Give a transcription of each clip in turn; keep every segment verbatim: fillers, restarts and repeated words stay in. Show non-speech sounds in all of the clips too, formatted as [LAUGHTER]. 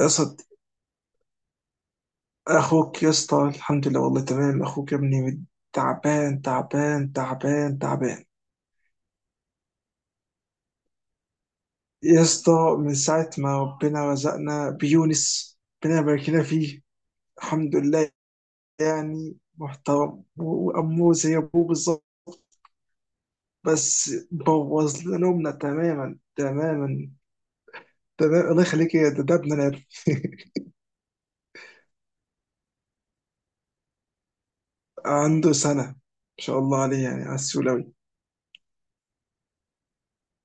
يا اسطى، اخوك يا اسطى الحمد لله، والله تمام. اخوك يا ابني تعبان تعبان تعبان تعبان. يا اسطى، من ساعة ما ربنا رزقنا بيونس ربنا يبارك لنا فيه، الحمد لله. يعني محترم، وأمه زي أبوه بالظبط، بس بوظ لنا نومنا تماما تماما. تمام، الله يخليك. يا ده, ده ابننا يا ابني. [LAUGHS] عنده سنة، ما شاء الله عليه، يعني على السولوي.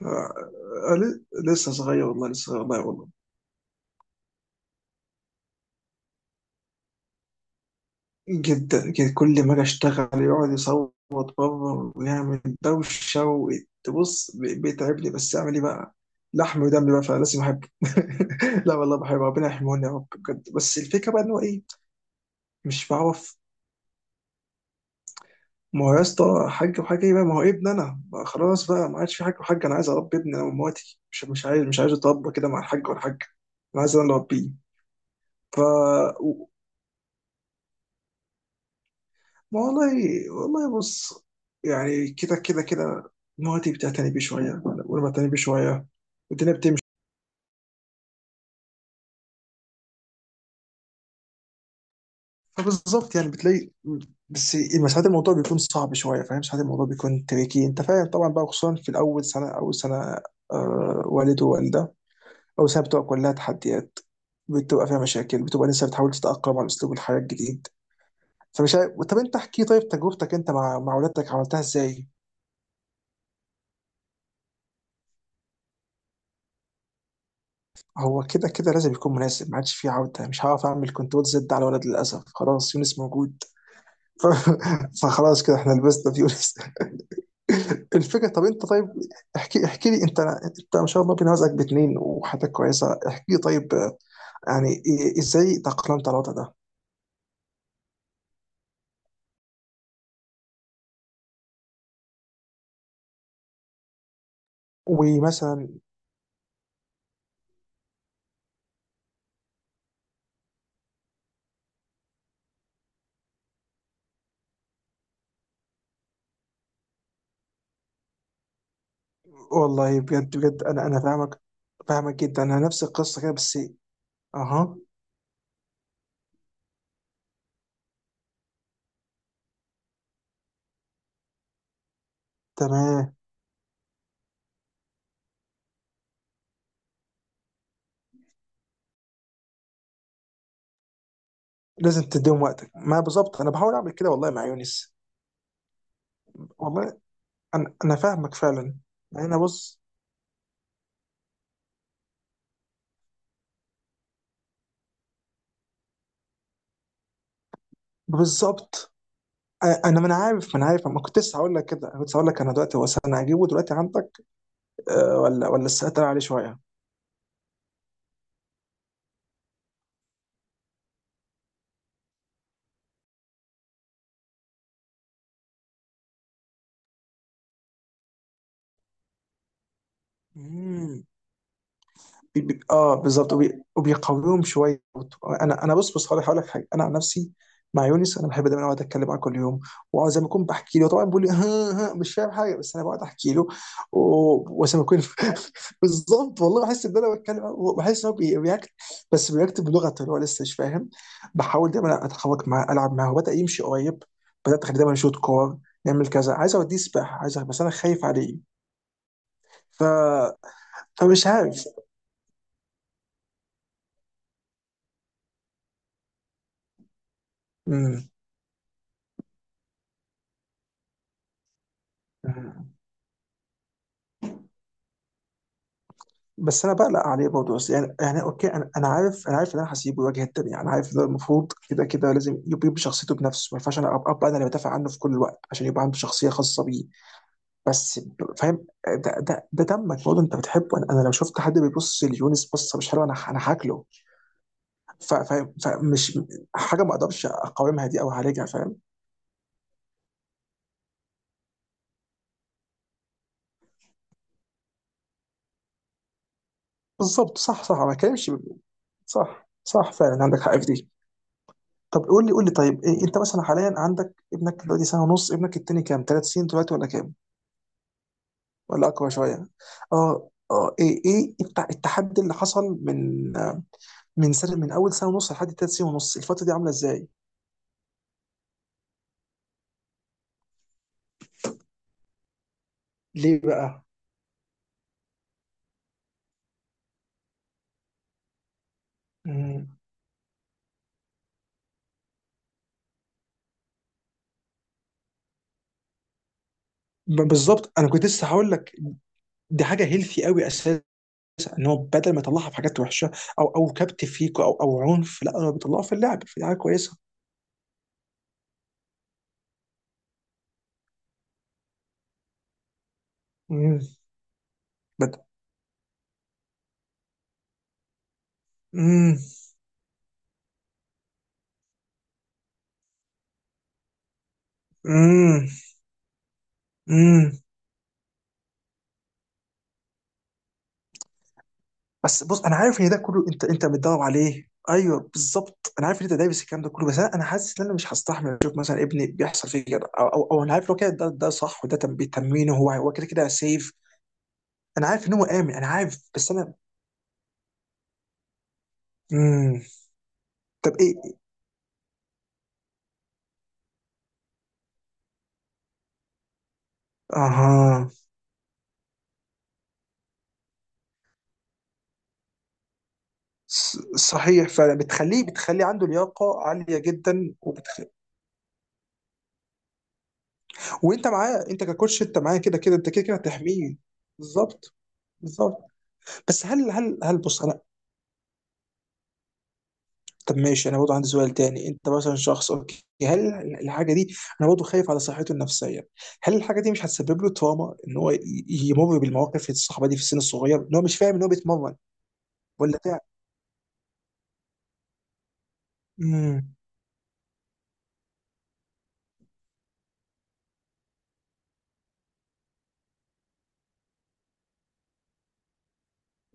آه، آه، لسه صغير والله، لسه صغير والله والله. جدا كده، كل ما اجي اشتغل يقعد يصوت بره ويعمل دوشه وتبص بيتعبني، بس اعمل ايه بقى؟ لحم ودم بقى فلازم احبه. [LAUGHS] لا والله بحبه، ربنا يحميهولنا يا رب بجد. بس الفكره بقى ان هو ايه؟ مش بعرف. ما هو يا اسطى حاج وحاجه ايه بقى؟ ما هو ابن انا بقى، خلاص بقى ما عادش في حاج وحاج. انا عايز اربي ابني انا ومواتي، مش مش عايز مش عايز اتربى كده مع الحاج والحاجه. انا عايز انا اللي اربيه. ف والله، والله بص، يعني كده كده كده. مراتي بتعتني بيه شويه، وانا بعتني بيه شويه، والدنيا بتمشي. فبالظبط يعني بتلاقي، بس ساعات الموضوع بيكون صعب شويه، فاهم؟ ساعات الموضوع بيكون تريكي، انت فاهم طبعا بقى، خصوصا في الاول سنه اول سنه. آه، والد ووالده. اول سنه بتبقى كلها تحديات، بتبقى فيها مشاكل، بتبقى لسه بتحاول تتاقلم على اسلوب الحياه الجديد. فمش عارف، طب انت احكي، طيب تجربتك انت مع مع ولادك عملتها ازاي؟ هو كده كده لازم يكون مناسب، ما عادش فيه عودة، مش هعرف أعمل كنترول زد على الولد للأسف، خلاص يونس موجود. [LAUGHS] ف- فخلاص كده احنا لبسنا في يونس. [LAUGHS] الفكرة، طب انت طيب، احكي، احكي لي انت انت ما شاء الله بنوازك باتنين وحياتك كويسة. احكي لي طيب، آه، يعني إيه- ازاي تأقلمت على الوضع ده؟ ومثلا والله بجد بجد، انا انا فاهمك، فاهمك جدا، انا نفس القصة كده، بس. اها. تمام. لازم تديهم وقتك، ما بالظبط، انا بحاول اعمل كده والله مع يونس. والله، انا انا فاهمك فعلا. يعني انا بص، بالظبط، انا انا ما انا عارف ما انا عارف، ما كنت لسه هقول لك كده، انا كنت هقول لك انا دلوقتي، هو انا هجيبه دلوقتي عندك. آه، ولا ولا لسه هتقل عليه شويه؟ امم بي بي اه بالظبط، وبي وبيقويهم شويه برضه. انا انا بص بص، هقول هقول لك حاجه، انا عن نفسي مع يونس، انا بحب دايما اقعد اتكلم معاه كل يوم، وزي ما اكون بحكي له. طبعا بيقول لي ها ها، مش فاهم حاجه، بس انا بقعد احكي له و- وزي ما اكون. [LAUGHS] بالظبط، والله بحس ان انا بتكلم، بحس ان هو بي- بياكت، بس بيكتب بلغته اللي هو لسه مش فاهم. بحاول دايما اتحرك معاه، العب معاه، وبدا يمشي قريب، بدات اخليه دايما يشوط كور، نعمل كذا، عايز اوديه سباحه، عايز، بس انا خايف عليه. ف... فمش عارف. مم. بس انا بقلق عليه برضه، بس يعني يعني اوكي، انا انا عارف، انا عارف ان انا هسيبه الواجهه التانيه، انا عارف ان ده المفروض، كده كده لازم يبقى، يبقى شخصيته بنفسه، ما ينفعش انا ابقى أبقى انا اللي بدافع عنه في كل الوقت، عشان يبقى عنده شخصيه خاصه بيه. بس فاهم، ده ده ده دمك برضه، انت بتحبه. انا, أنا لو شفت حد بيبص ليونس بصه مش حلوه، انا ه- انا هاكله. ف- فاهم، فمش حاجه ما اقدرش اقاومها دي او اعالجها، فاهم؟ بالظبط، صح صح، ما بتكلمش. صح صح، فعلا عندك حق في دي. طب قول لي، قول لي طيب، إيه انت مثلا حاليا عندك ابنك دلوقتي سنه ونص، ابنك التاني كام؟ ثلاث سنين دلوقتي ولا كام؟ ولا اقوى شويه؟ اه اه، ايه ايه الت- التحدي اللي حصل من، من سنه من اول سنه ونص لحد ثلاث سنين ونص، الفتره دي عامله ازاي؟ ليه بقى؟ مم. ب- بالظبط، انا كنت لسه هقول لك، دي حاجه هيلثي قوي اساسا، ان هو بدل ما يطلعها في حاجات وحشه، او او كبت فيك، او او عنف، لا، هو بيطلعها في اللعب، في حاجه كويسه. امم بد... امم. امم. بس بص، انا عارف ان ده كله انت، انت بتدور عليه، ايوه، بالظبط، انا عارف ان انت دايس الكلام ده كله، بس انا أنا حاسس ان انا مش هستحمل اشوف مثلا ابني بيحصل فيه كده، او او, أو انا عارف لو كده ده, ده صح، وده تم- تمرينه، هو هو كده كده سيف. انا عارف ان هو امن، انا عارف، بس انا. امم طب ايه. اها. ص- صحيح فعلا، بتخليه بتخليه عنده لياقه عاليه جدا، وبتخ... وانت معاه، انت ككوتش، انت معاه، كده كده انت كده كده هتحميه. بالظبط، بالظبط. بس هل هل هل بص انا، طب ماشي، انا برضه عندي سؤال تاني. انت مثلا شخص اوكي، هل الحاجه دي، انا برضه خايف على صحته النفسيه، هل الحاجه دي مش هتسبب له تروما ان هو ي- يمر بالمواقف الصعبه دي في السن الصغير، ان هو مش فاهم ان هو بيتمرن، ولا بتاع؟ امم.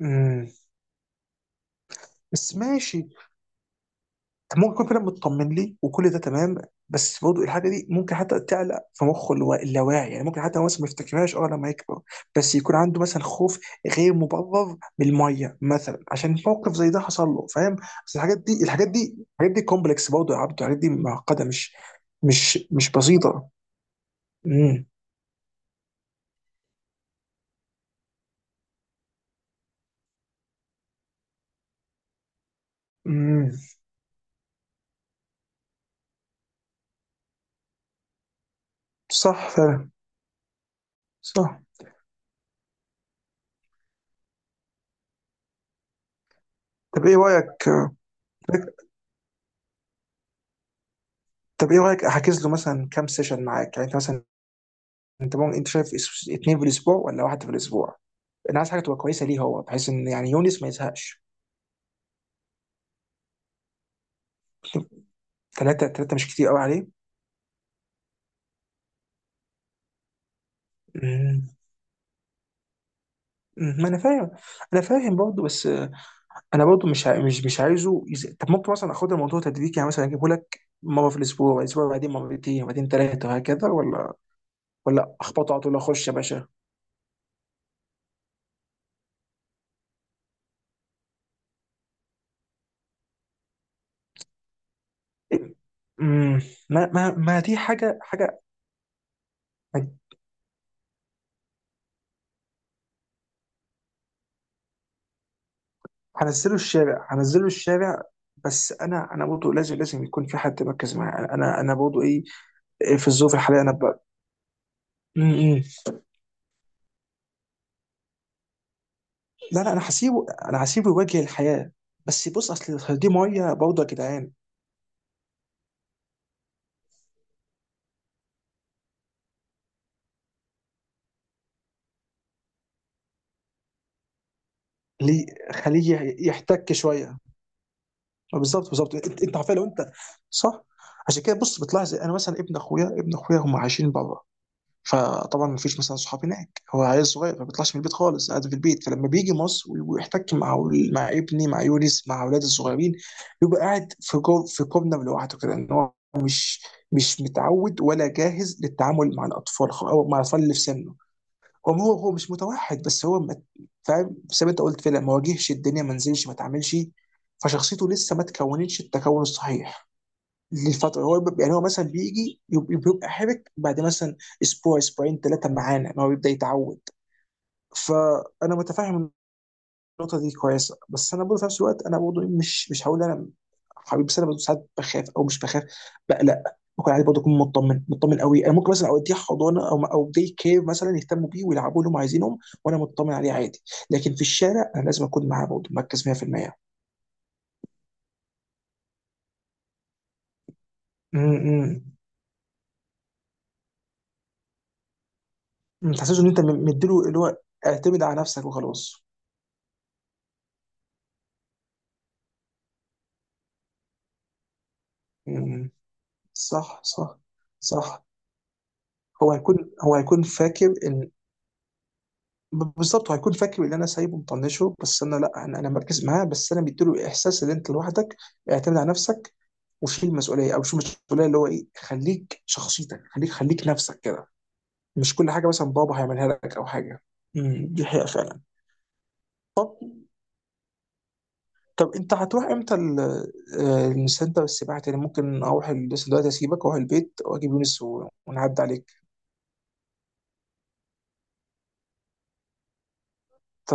امم. بس ماشي، ممكن يكون فعلا مطمن لي وكل ده تمام، بس برضه الحاجه دي ممكن حتى تعلق في مخه اللي هو اللاواعي، يعني ممكن حتى هو مثلا ما يفتكرهاش اه لما يكبر، بس يكون عنده مثلا خوف غير مبرر من الميه مثلا، عشان موقف زي ده حصل له، فاهم؟ بس الحاجات دي، الحاجات دي، الحاجات دي كومبلكس برضه يا عبده، الحاجات دي معقده، مش مش مش بسيطه. امم. امم. صح فعلا. صح. طب ايه رايك، طب ايه رايك احجز له مثلا كام سيشن معاك؟ يعني انت مثلا، انت ممكن، انت شايف اثنين في الاسبوع ولا واحد في الاسبوع؟ انا عايز حاجه تبقى كويسه ليه هو، بحيث ان يعني يونس ما يزهقش. [LAUGHS] ثلاثه، ثلاثه مش كتير قوي عليه؟ مم. مم. ما انا فاهم، انا فاهم برضه، بس آه، انا برضه مش عاي- مش مش عايزه يز... طب ممكن مثلا اخد الموضوع تدريجي، يعني مثلا اجيبه لك مره في الاسبوع، والاسبوع بعدين مرتين، وبعدين ثلاثه، وهكذا، ولا ولا اخبطه على طول، اخش يا باشا؟ امم ما ما ما دي حاجه، حاجه. هنزله الشارع، هنزله الشارع، بس انا انا برضه لازم، لازم يكون في حد مركز معايا. انا انا برضه ايه، في الظروف الحاليه انا. ب... لا لا، انا هسيبه، انا هسيبه يواجه الحياه، بس بص، اصل دي ميه برضه يا جدعان. ليه، خليه يحتك شويه، ما بالظبط، بالظبط. انت أنت عارف لو انت. صح. عشان كده بص، بتلاحظ انا مثلا ابن اخويا ابن اخويا هم عايشين بره، فطبعا ما فيش مثلا صحاب هناك، هو عيل صغير ما بيطلعش من البيت خالص، قاعد في البيت، فلما بيجي مصر ويحتك مع، مع ابني، مع يونس، مع اولاد الصغيرين، بيبقى قاعد في جو في كوبنا لوحده كده، ان هو مش مش متعود ولا جاهز للتعامل مع الاطفال خ- او مع الاطفال اللي في سنه. هو هو مش متوحد، بس هو مت- فاهم؟ زي ما انت قلت فعلا، ما واجهش الدنيا، ما نزلش، ما اتعاملش، فشخصيته لسه ما تكونتش التكون الصحيح للفتره. هو ب- يعني هو مثلا بيجي يب- بيبقى حرك بعد مثلا اسبوع، اسبوعين، ثلاثه معانا، ما هو بيبدا يتعود. فانا متفاهم النقطه دي كويسه، بس انا برضه في نفس الوقت، انا برضه مش مش هقول انا حبيبي، بس انا برضه ساعات بخاف، او مش بخاف، بقلق، بكون عادي برضه، اكون مطمن، مطمن قوي. انا ممكن مثلا اوديه حضانه، او او دي كير، مثلا يهتموا بيه ويلعبوا لهم عايزينهم، وانا مطمن عليه عادي، لكن في الشارع انا لازم اكون معاه برضه مركز مية في المية. امم. ما تحسسش ان انت م- مديله اللي هو، اعتمد على نفسك وخلاص. امم. صح صح صح. هو هيكون هو هيكون فاكر ان، ب- بالظبط، هيكون فاكر ان انا سايبه مطنشه، بس انا لا، انا انا مركز معاه، بس انا مديله احساس ان انت لوحدك، اعتمد على نفسك، وشيل المسؤوليه، او شيل المسؤوليه اللي هو ايه، خليك شخصيتك، خليك، خليك نفسك كده، مش كل حاجه مثلا بابا هيعملها لك او حاجه. امم، دي حقيقه فعلا. طب انت هتروح امتى ال- آه، السنتر، السباحه تاني ممكن اروح ال- بس دلوقتي اسيبك واروح البيت واجيب يونس و- ونعدي عليك. طب